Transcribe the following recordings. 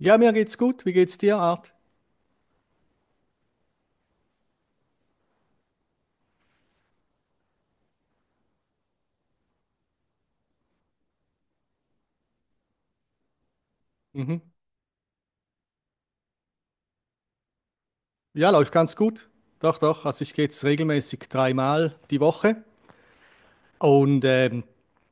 Ja, mir geht's gut. Wie geht's dir, Art? Mhm. Ja, läuft ganz gut. Doch, doch. Also ich gehe jetzt regelmäßig dreimal die Woche. Und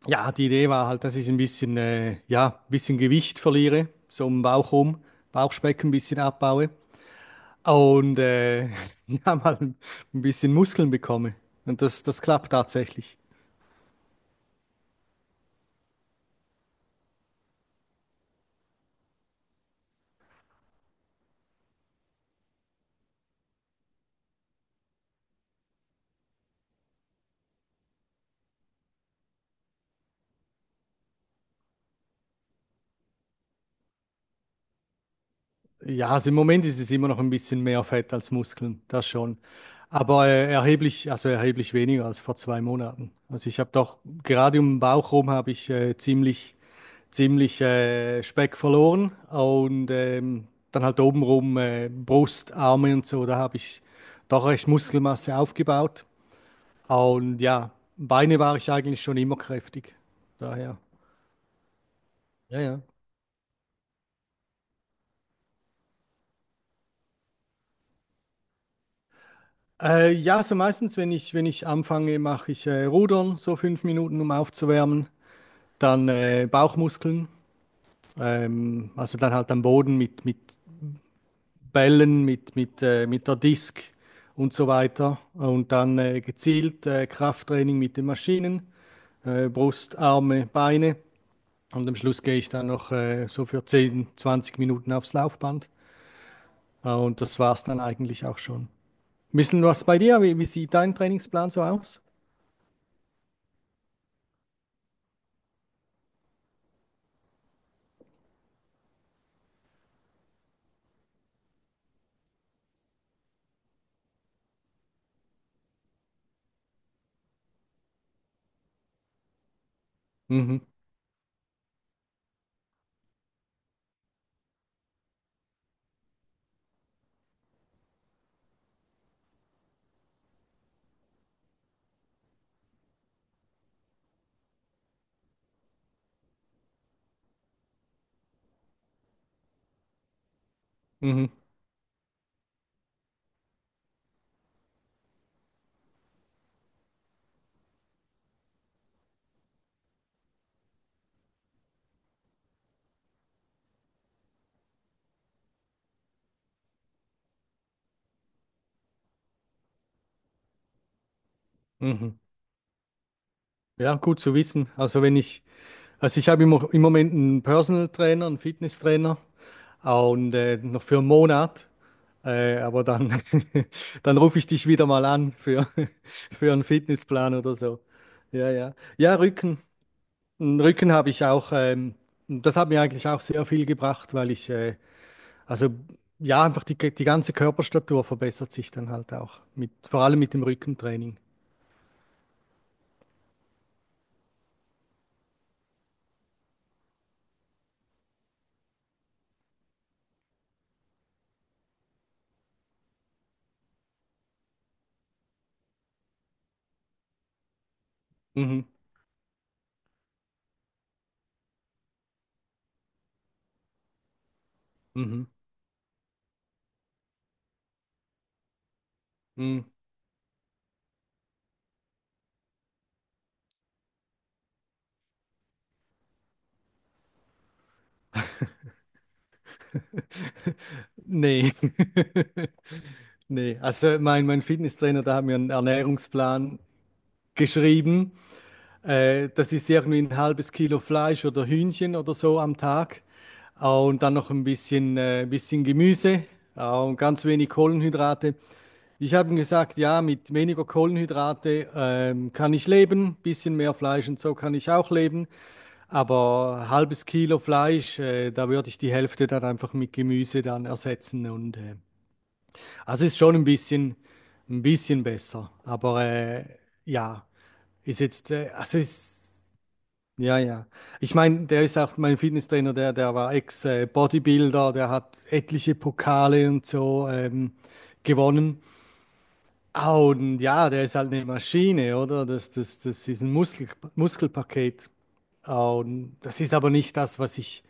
ja, die Idee war halt, dass ich ein bisschen, ja, ein bisschen Gewicht verliere, so um den Bauch rum, Bauchspeck ein bisschen abbaue und ja, mal ein bisschen Muskeln bekomme. Und das klappt tatsächlich. Ja, also im Moment ist es immer noch ein bisschen mehr Fett als Muskeln, das schon. Aber erheblich, also erheblich weniger als vor 2 Monaten. Also ich habe doch gerade um den Bauch rum habe ich ziemlich, ziemlich Speck verloren und dann halt obenrum Brust, Arme und so, da habe ich doch recht Muskelmasse aufgebaut. Und ja, Beine war ich eigentlich schon immer kräftig. Daher, ja, ja. Ja, so meistens, wenn ich, wenn ich anfange, mache ich Rudern, so 5 Minuten, um aufzuwärmen. Dann Bauchmuskeln, also dann halt am Boden mit Bällen, mit der Disk und so weiter. Und dann gezielt Krafttraining mit den Maschinen, Brust, Arme, Beine. Und am Schluss gehe ich dann noch so für 10, 20 Minuten aufs Laufband. Und das war's dann eigentlich auch schon. Ein bisschen was bei dir? Wie sieht dein Trainingsplan so aus? Mhm. Mhm. Mhm. Ja, gut zu wissen. Also wenn ich, also ich habe im Moment einen Personal Trainer, einen Fitnesstrainer und noch für einen Monat. Aber dann, dann rufe ich dich wieder mal an für, für einen Fitnessplan oder so. Ja, ja. Ja, Rücken. Einen Rücken habe ich auch, das hat mir eigentlich auch sehr viel gebracht, weil ich also ja, einfach die ganze Körperstatur verbessert sich dann halt auch, mit, vor allem mit dem Rückentraining. Mhm. Mhm. Mhm. Nee. Nee. Also mein Fitnesstrainer, der hat mir einen Ernährungsplan geschrieben. Das ist irgendwie ein halbes Kilo Fleisch oder Hühnchen oder so am Tag. Und dann noch ein bisschen Gemüse und ganz wenig Kohlenhydrate. Ich habe ihm gesagt, ja, mit weniger Kohlenhydrate kann ich leben, bisschen mehr Fleisch und so kann ich auch leben, aber halbes Kilo Fleisch, da würde ich die Hälfte dann einfach mit Gemüse dann ersetzen und also ist schon ein bisschen besser. Aber ja, ist jetzt, also ist, ja, ja. Ich meine, der ist auch mein Fitnesstrainer, der war Ex-Bodybuilder, der hat etliche Pokale und so gewonnen. Ah, und ja, der ist halt eine Maschine, oder? Das ist ein Muskel, Muskelpaket. Ah, und das ist aber nicht das, was ich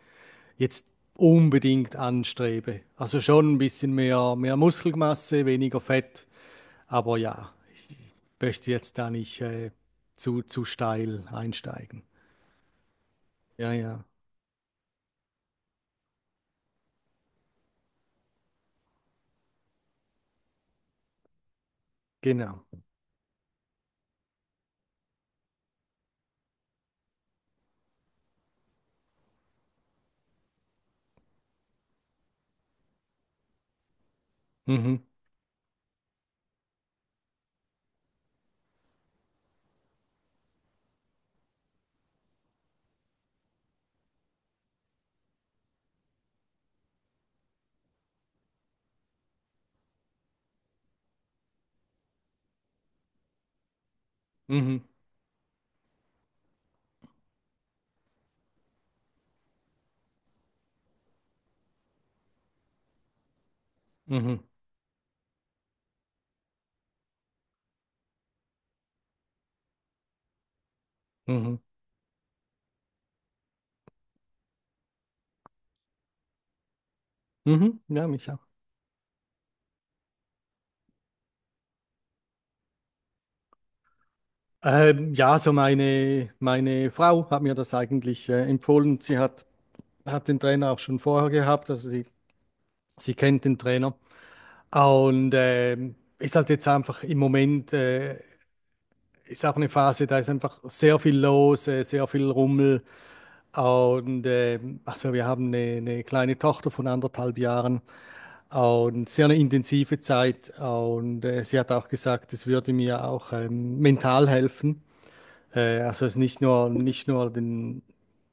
jetzt unbedingt anstrebe. Also schon ein bisschen mehr, mehr Muskelmasse, weniger Fett. Aber ja, ich möchte jetzt da nicht zu steil einsteigen. Ja, ja, genau. Mhm, mhm, mhm, mhm, mhm, ja, mich auch. Ja, so meine, meine Frau hat mir das eigentlich empfohlen. Sie hat, hat den Trainer auch schon vorher gehabt, also sie kennt den Trainer. Und ist halt jetzt einfach im Moment ist auch eine Phase, da ist einfach sehr viel los, sehr viel Rummel. Und also wir haben eine kleine Tochter von anderthalb Jahren und sehr eine intensive Zeit. Und sie hat auch gesagt, es würde mir auch mental helfen. Also es ist nicht nur, nicht nur den,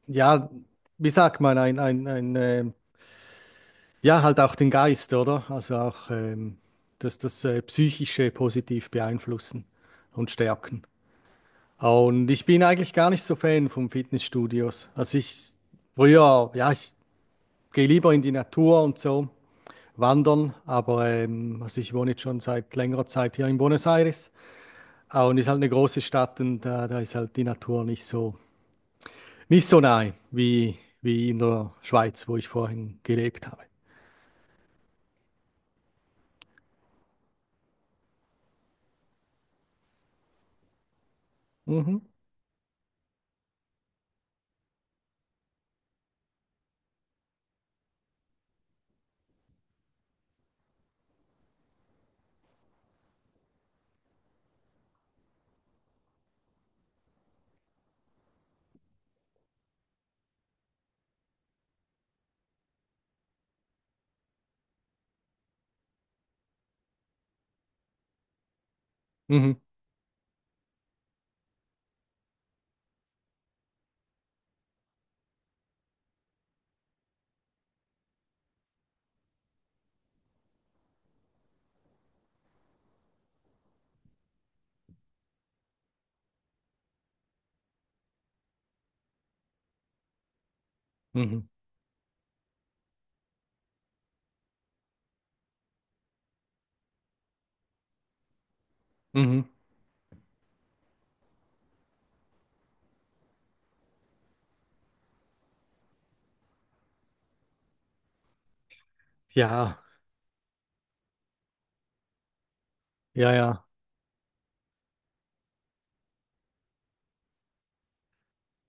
ja, wie sagt man, ein, ein ja, halt auch den Geist, oder? Also auch das Psychische positiv beeinflussen und stärken. Und ich bin eigentlich gar nicht so Fan von Fitnessstudios. Also ich früher, ja, ich gehe lieber in die Natur und so wandern, aber also ich wohne jetzt schon seit längerer Zeit hier in Buenos Aires. Ah, und ist halt eine große Stadt und da, da ist halt die Natur nicht so nicht so nahe wie wie in der Schweiz, wo ich vorhin gelebt habe. Mhm. Mhm. Mhm. Mhm. Ja, ja, ja.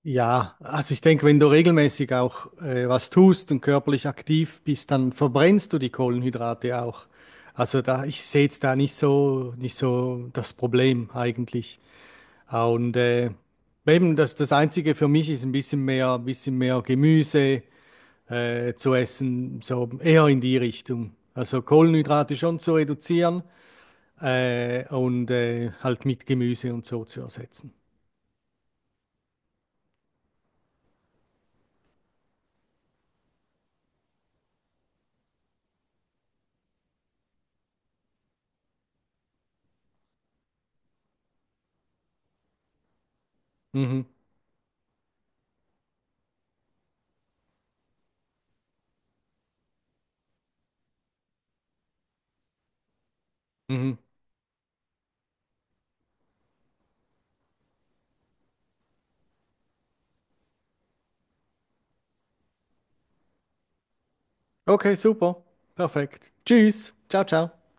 Ja, also ich denke, wenn du regelmäßig auch was tust und körperlich aktiv bist, dann verbrennst du die Kohlenhydrate auch. Also da, ich sehe jetzt da nicht so, nicht so das Problem eigentlich. Ah, und eben das Einzige für mich ist ein bisschen mehr Gemüse zu essen, so eher in die Richtung. Also Kohlenhydrate schon zu reduzieren und halt mit Gemüse und so zu ersetzen. Mhm. Mhm. Okay, super. Perfekt. Tschüss. Ciao, ciao.